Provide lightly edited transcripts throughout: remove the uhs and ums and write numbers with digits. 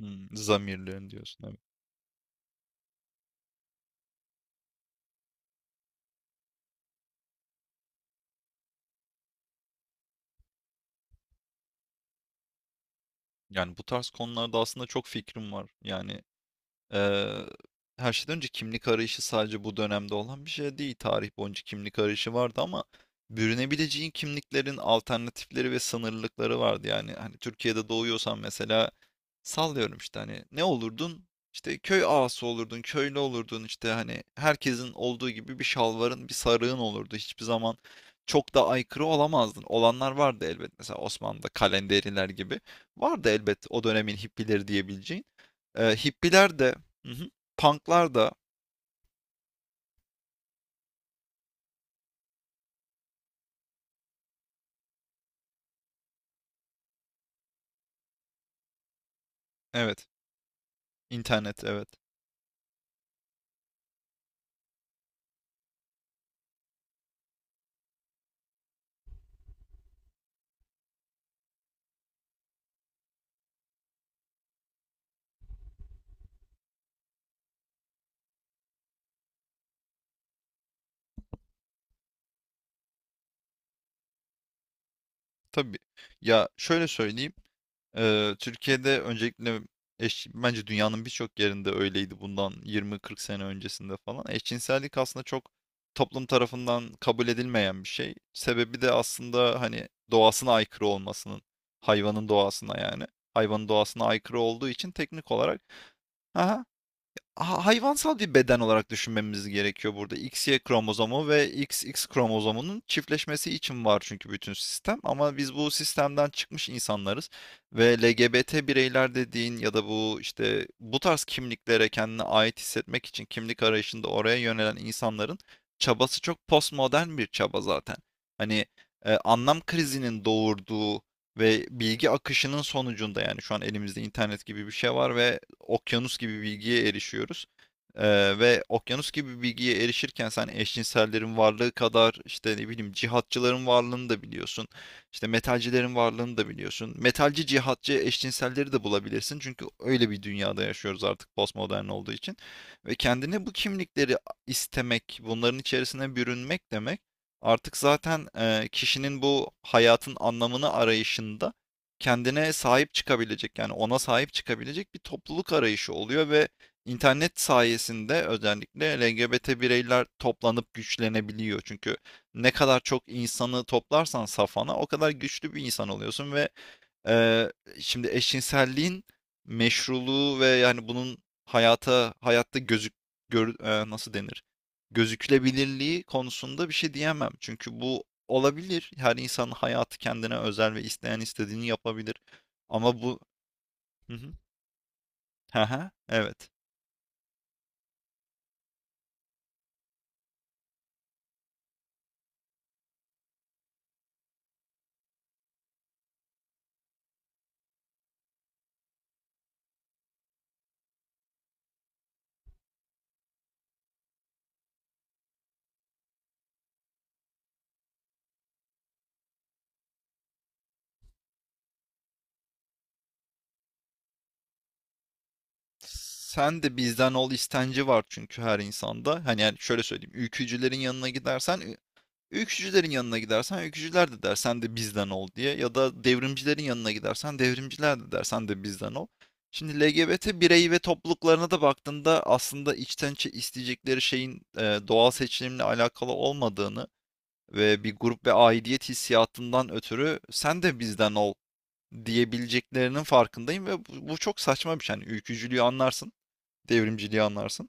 Hımm, zamirlerin diyorsun, evet. Yani bu tarz konularda aslında çok fikrim var. Yani, Eee, her şeyden önce kimlik arayışı sadece bu dönemde olan bir şey değil. Tarih boyunca kimlik arayışı vardı ama bürünebileceğin kimliklerin alternatifleri ve sınırlılıkları vardı. Yani hani Türkiye'de doğuyorsan mesela sallıyorum işte hani ne olurdun? İşte köy ağası olurdun, köylü olurdun, işte hani herkesin olduğu gibi bir şalvarın, bir sarığın olurdu. Hiçbir zaman çok da aykırı olamazdın. Olanlar vardı elbet. Mesela Osmanlı'da kalenderiler gibi. Vardı elbet, o dönemin hippileri diyebileceğin. Hippiler de. Hı hı. Punk'lar da, evet. internet evet. Tabii. Ya şöyle söyleyeyim. Eee, Türkiye'de öncelikle, bence dünyanın birçok yerinde öyleydi bundan 20-40 sene öncesinde falan. Eşcinsellik aslında çok toplum tarafından kabul edilmeyen bir şey. Sebebi de aslında hani doğasına aykırı olmasının. Hayvanın doğasına yani. Hayvanın doğasına aykırı olduğu için teknik olarak ha hayvansal bir beden olarak düşünmemiz gerekiyor burada. XY kromozomu ve XX kromozomunun çiftleşmesi için var çünkü bütün sistem. Ama biz bu sistemden çıkmış insanlarız ve LGBT bireyler dediğin ya da bu işte bu tarz kimliklere kendine ait hissetmek için kimlik arayışında oraya yönelen insanların çabası çok postmodern bir çaba zaten. Hani, anlam krizinin doğurduğu ve bilgi akışının sonucunda yani şu an elimizde internet gibi bir şey var ve okyanus gibi bilgiye erişiyoruz. Ve okyanus gibi bilgiye erişirken sen eşcinsellerin varlığı kadar işte ne bileyim cihatçıların varlığını da biliyorsun. İşte metalcilerin varlığını da biliyorsun. Metalci, cihatçı, eşcinselleri de bulabilirsin. Çünkü öyle bir dünyada yaşıyoruz artık postmodern olduğu için. Ve kendine bu kimlikleri istemek, bunların içerisine bürünmek demek, artık zaten, kişinin bu hayatın anlamını arayışında kendine sahip çıkabilecek, yani ona sahip çıkabilecek bir topluluk arayışı oluyor ve internet sayesinde özellikle LGBT bireyler toplanıp güçlenebiliyor. Çünkü ne kadar çok insanı toplarsan safana o kadar güçlü bir insan oluyorsun ve Eee, şimdi eşcinselliğin meşruluğu ve yani bunun hayatta nasıl denir? Gözükülebilirliği konusunda bir şey diyemem. Çünkü bu olabilir. Her insanın hayatı kendine özel ve isteyen istediğini yapabilir. Ama bu. Hı hı. Hı hı, evet. Sen de bizden ol istenci var çünkü her insanda. Hani yani şöyle söyleyeyim. Ülkücülerin yanına gidersen, öykücülerin yanına gidersen öykücüler de der sen de bizden ol diye, ya da devrimcilerin yanına gidersen devrimciler de der sen de bizden ol. Şimdi LGBT birey ve topluluklarına da baktığında aslında içten içe isteyecekleri şeyin, doğal seçilimle alakalı olmadığını ve bir grup ve aidiyet hissiyatından ötürü sen de bizden ol diyebileceklerinin farkındayım ve bu çok saçma bir şey. Yani ülkücülüğü anlarsın, devrimciliği anlarsın.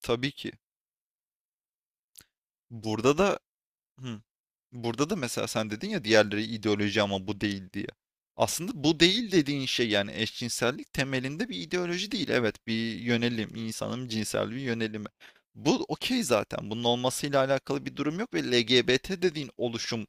Tabii ki. Burada da. Hı. Burada da mesela sen dedin ya, diğerleri ideoloji ama bu değil diye. Aslında bu değil dediğin şey, yani eşcinsellik, temelinde bir ideoloji değil. Evet, bir yönelim, insanın cinsel bir yönelimi. Bu okey zaten. Bunun olmasıyla alakalı bir durum yok ve LGBT dediğin oluşum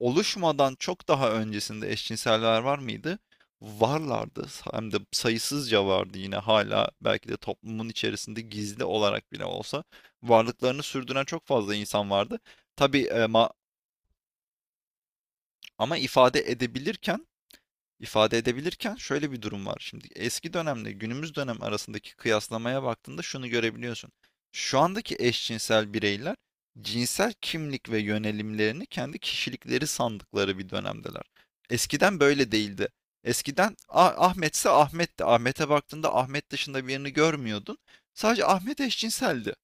oluşmadan çok daha öncesinde eşcinseller var mıydı? Varlardı. Hem de sayısızca vardı, yine hala belki de toplumun içerisinde gizli olarak bile olsa varlıklarını sürdüren çok fazla insan vardı. Tabii. Ama ifade edebilirken, şöyle bir durum var. Şimdi eski dönemle günümüz dönem arasındaki kıyaslamaya baktığında şunu görebiliyorsun. Şu andaki eşcinsel bireyler cinsel kimlik ve yönelimlerini kendi kişilikleri sandıkları bir dönemdeler. Eskiden böyle değildi. Eskiden, Ahmetse Ahmet'ti." Ahmet'e baktığında Ahmet dışında birini görmüyordun. Sadece Ahmet eşcinseldi.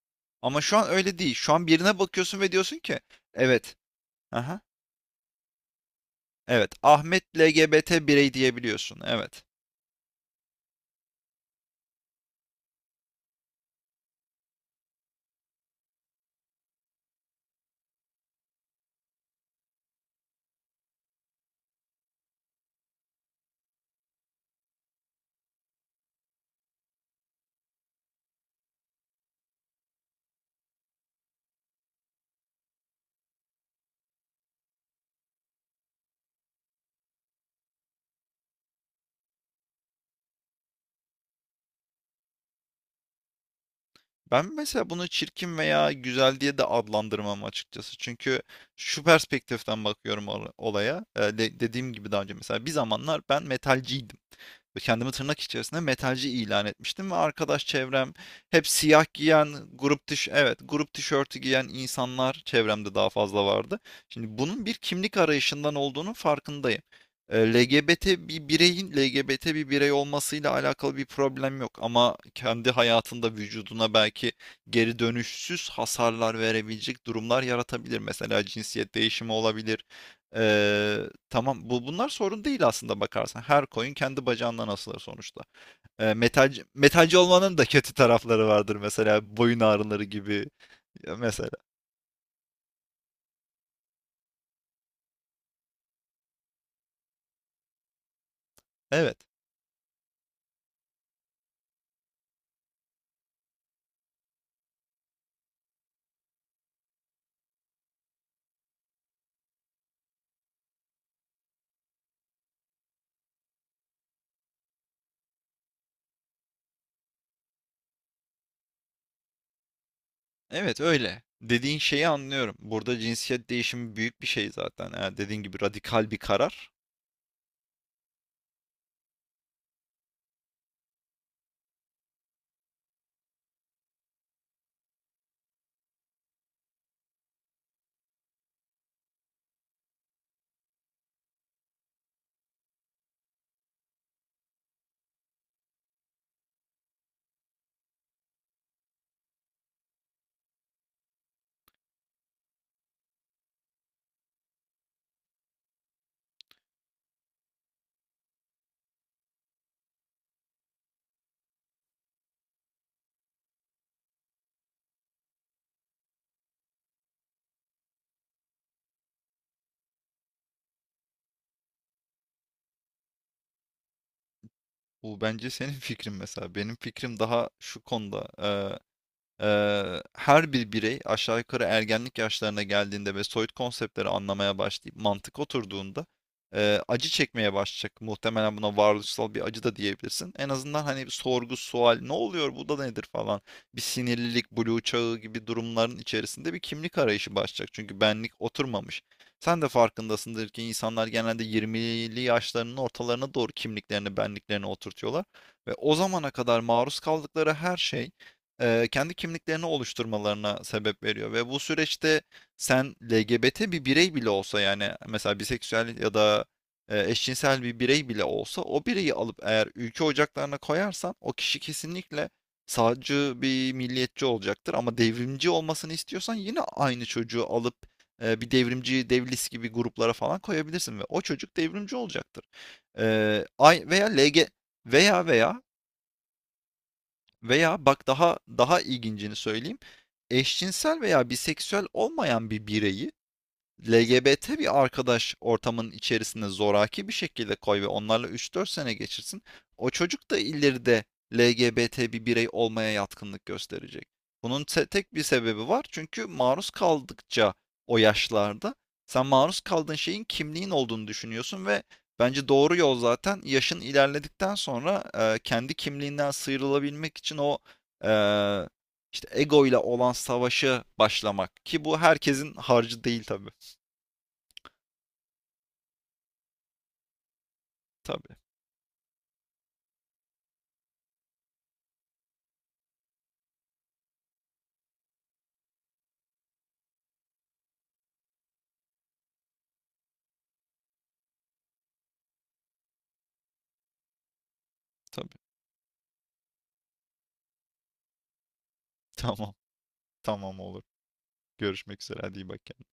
Ama şu an öyle değil. Şu an birine bakıyorsun ve diyorsun ki evet. Aha. Evet, Ahmet LGBT birey, diyebiliyorsun. Evet. Ben mesela bunu çirkin veya güzel diye de adlandırmam, açıkçası. Çünkü şu perspektiften bakıyorum olaya. Dediğim gibi daha önce mesela bir zamanlar ben metalciydim. Kendimi tırnak içerisinde metalci ilan etmiştim ve arkadaş çevrem hep siyah giyen, grup tiş evet, grup tişörtü giyen insanlar çevremde daha fazla vardı. Şimdi bunun bir kimlik arayışından olduğunun farkındayım. E, LGBT bir bireyin LGBT bir birey olmasıyla alakalı bir problem yok ama kendi hayatında vücuduna belki geri dönüşsüz hasarlar verebilecek durumlar yaratabilir. Mesela cinsiyet değişimi olabilir. Tamam, bu bunlar sorun değil aslında bakarsan. Her coin kendi bacağından asılır sonuçta. Metalci olmanın da kötü tarafları vardır, mesela boyun ağrıları gibi. Ya mesela. Evet. Evet, öyle. Dediğin şeyi anlıyorum. Burada cinsiyet değişimi büyük bir şey zaten. Eğer dediğin gibi radikal bir karar. Bu bence senin fikrin mesela. Benim fikrim daha şu konuda. Her bir birey aşağı yukarı ergenlik yaşlarına geldiğinde ve soyut konseptleri anlamaya başlayıp mantık oturduğunda acı çekmeye başlayacak. Muhtemelen buna varoluşsal bir acı da diyebilirsin. En azından hani bir sorgu, sual, ne oluyor, bu da nedir falan. Bir sinirlilik, blue çağı gibi durumların içerisinde bir kimlik arayışı başlayacak. Çünkü benlik oturmamış. Sen de farkındasındır ki insanlar genelde 20'li yaşlarının ortalarına doğru kimliklerini, benliklerini oturtuyorlar. Ve o zamana kadar maruz kaldıkları her şey kendi kimliklerini oluşturmalarına sebep veriyor ve bu süreçte sen LGBT bir birey bile olsa, yani mesela biseksüel ya da eşcinsel bir birey bile olsa, o bireyi alıp eğer ülke ocaklarına koyarsan o kişi kesinlikle sağcı bir milliyetçi olacaktır, ama devrimci olmasını istiyorsan yine aynı çocuğu alıp bir devrimci devlis gibi gruplara falan koyabilirsin ve o çocuk devrimci olacaktır. Ay veya LG veya veya veya bak, daha ilgincini söyleyeyim. Eşcinsel veya biseksüel olmayan bir bireyi LGBT bir arkadaş ortamının içerisinde zoraki bir şekilde koy ve onlarla 3-4 sene geçirsin. O çocuk da ileride LGBT bir birey olmaya yatkınlık gösterecek. Bunun tek bir sebebi var. Çünkü maruz kaldıkça, o yaşlarda sen maruz kaldığın şeyin kimliğin olduğunu düşünüyorsun ve bence doğru yol zaten yaşın ilerledikten sonra, kendi kimliğinden sıyrılabilmek için o, e, işte ego ile olan savaşı başlamak, ki bu herkesin harcı değil tabii. Tabii, tabii. Tamam, tamam olur. Görüşmek üzere. Hadi iyi bak kendine.